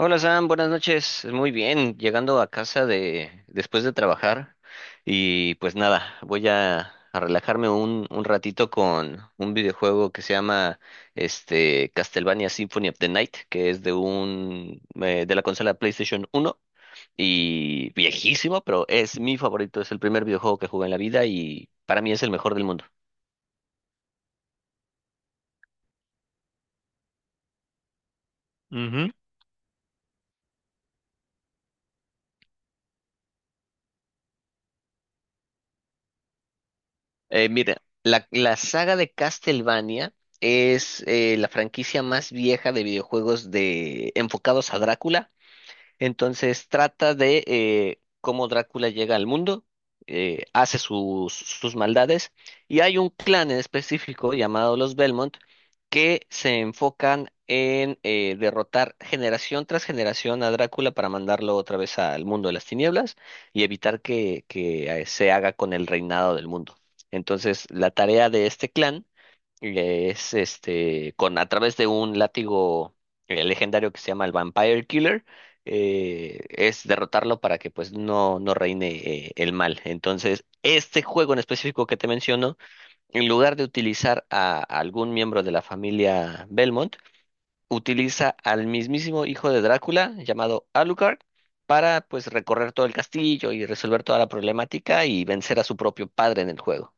Hola Sam, buenas noches. Muy bien, llegando a casa de después de trabajar y pues nada, a relajarme un ratito con un videojuego que se llama Castlevania Symphony of the Night, que es de un de la consola PlayStation uno y viejísimo, pero es mi favorito, es el primer videojuego que jugué en la vida y para mí es el mejor del mundo. Mira, la saga de Castlevania es la franquicia más vieja de videojuegos de, enfocados a Drácula. Entonces trata de cómo Drácula llega al mundo, hace sus maldades, y hay un clan en específico llamado los Belmont que se enfocan en derrotar generación tras generación a Drácula para mandarlo otra vez al mundo de las tinieblas y evitar que se haga con el reinado del mundo. Entonces, la tarea de este clan es con a través de un látigo legendario que se llama el Vampire Killer. Es derrotarlo para que pues no, no reine el mal. Entonces, este juego en específico que te menciono, en lugar de utilizar a algún miembro de la familia Belmont, utiliza al mismísimo hijo de Drácula, llamado Alucard, para pues recorrer todo el castillo y resolver toda la problemática y vencer a su propio padre en el juego.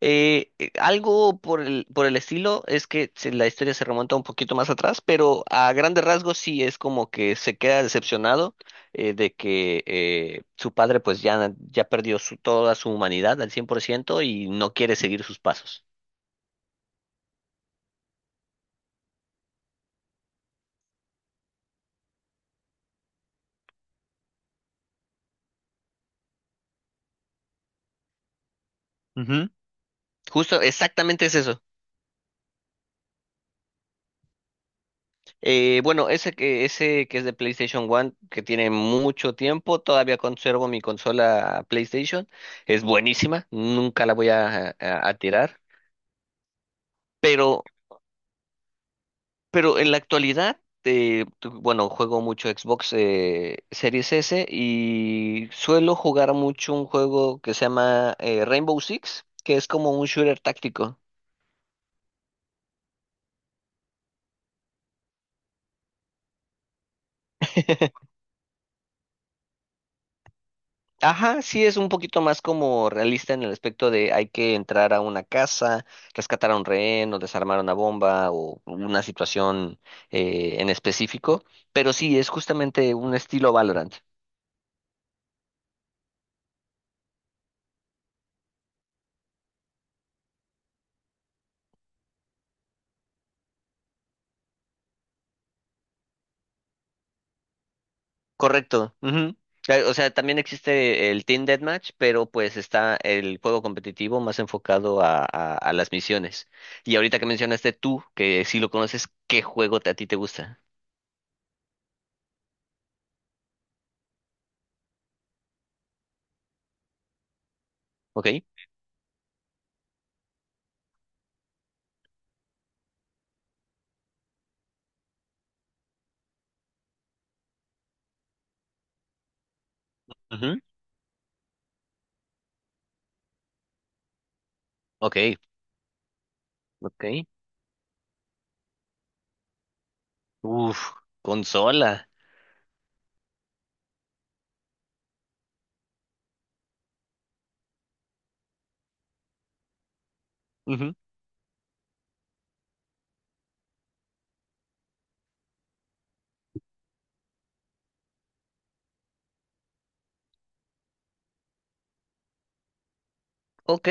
Algo por por el estilo. Es que la historia se remonta un poquito más atrás, pero a grandes rasgos sí es como que se queda decepcionado, de que su padre pues ya perdió su, toda su humanidad al 100% y no quiere seguir sus pasos. Ujú. Justo, exactamente es eso. Bueno, ese que es de PlayStation One, que tiene mucho tiempo, todavía conservo mi consola PlayStation, es buenísima, nunca la voy a tirar, pero Pero en la actualidad, bueno, juego mucho Xbox Series S y suelo jugar mucho un juego que se llama Rainbow Six, que es como un shooter táctico. Ajá, sí es un poquito más como realista en el aspecto de hay que entrar a una casa, rescatar a un rehén o desarmar una bomba o una situación en específico, pero sí es justamente un estilo Valorant. Correcto, ujú. O sea, también existe el Team Deathmatch, pero pues está el juego competitivo más enfocado a las misiones. Y ahorita que mencionaste tú, que sí lo conoces, ¿qué juego a ti te gusta? ¿Ok? Ujú. Ok, ok. Uf, consola. Ujú. Ok,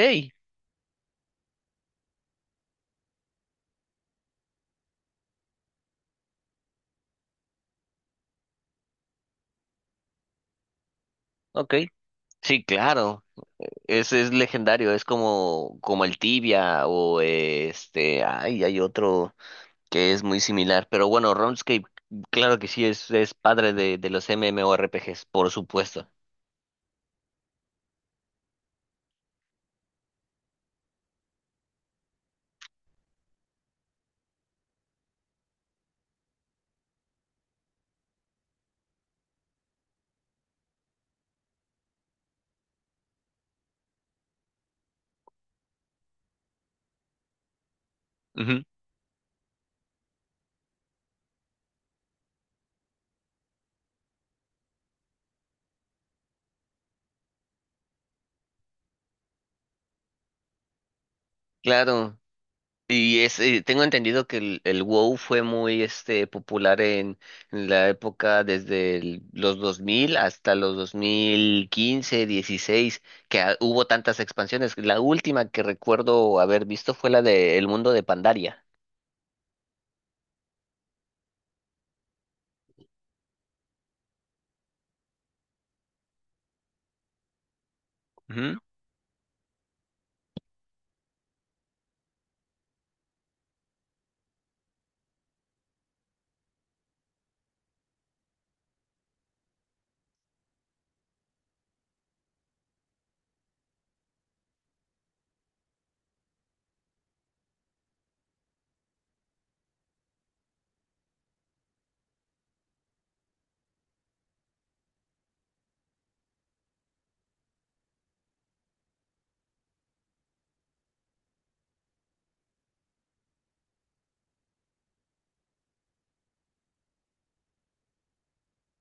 ok. Sí, claro. Ese es legendario, es como, como el Tibia o ay, hay otro que es muy similar. Pero bueno, RuneScape, claro que sí, es padre de los MMORPGs, por supuesto. Ujú. Claro, tengo entendido que el WoW fue muy popular en la época desde los 2000 hasta los 2015, 16, que ah, hubo tantas expansiones. La última que recuerdo haber visto fue la de El Mundo de Pandaria. Ujú.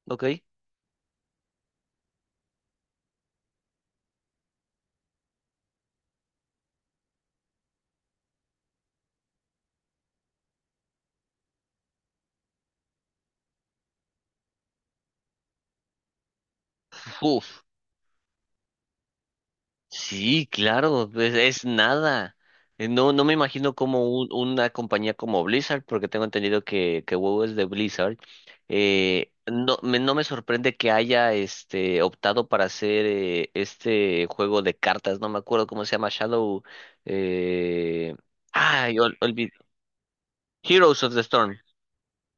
¿Ok? Uf. Sí, claro, es nada. No, no me imagino como una compañía como Blizzard, porque tengo entendido que WoW es de Blizzard. No me sorprende que haya optado para hacer este juego de cartas, no me acuerdo cómo se llama, Shadow, eh... Ay, Heroes of the Storm,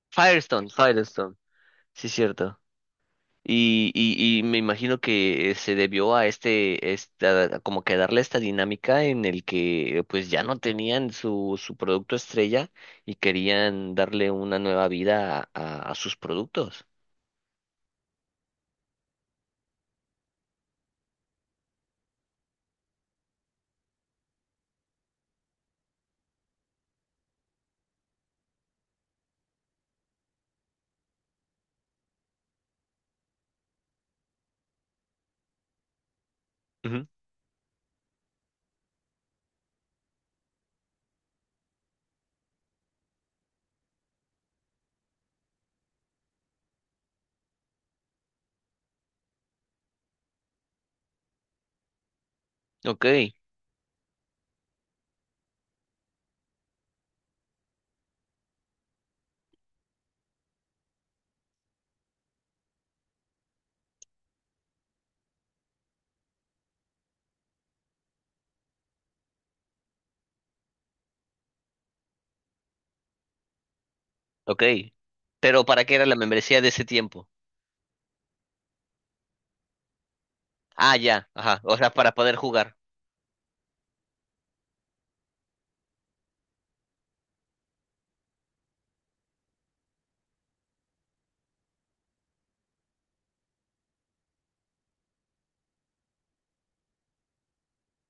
Firestone, Firestone, sí, cierto. Y me imagino que se debió a esta, como que darle esta dinámica en el que pues ya no tenían su producto estrella y querían darle una nueva vida a sus productos. Ujú. Ok, ok. Pero ¿para qué era la membresía de ese tiempo? Ah, ya, ajá. O sea, para poder jugar.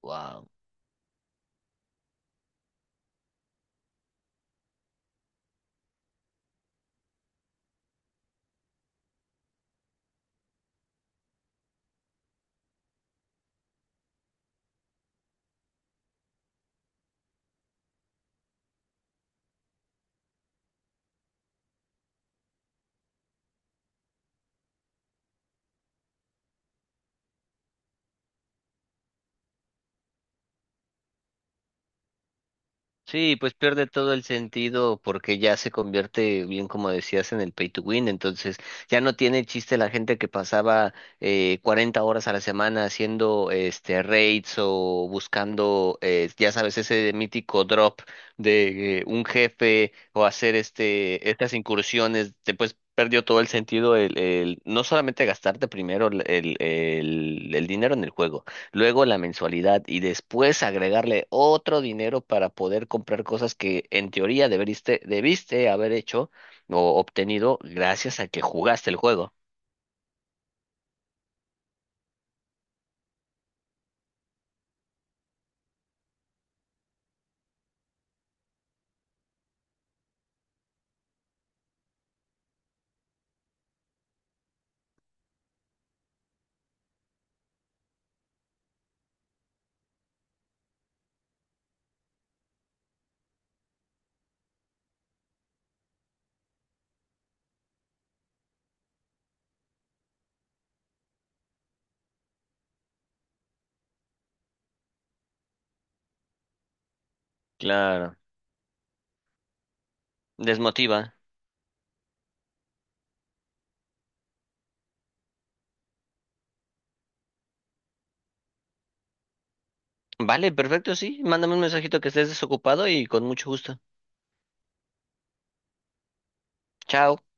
Wow. Sí, pues pierde todo el sentido porque ya se convierte, bien como decías, en el pay to win. Entonces ya no tiene chiste la gente que pasaba 40 horas a la semana haciendo raids o buscando, ya sabes, ese mítico drop de un jefe o hacer estas incursiones. Después perdió todo el sentido el no solamente gastarte primero el dinero en el juego luego la mensualidad y después agregarle otro dinero para poder comprar cosas que en teoría debiste haber hecho o obtenido gracias a que jugaste el juego. Claro, desmotiva. Vale, perfecto, sí. Mándame un mensajito que estés desocupado y con mucho gusto. Chao.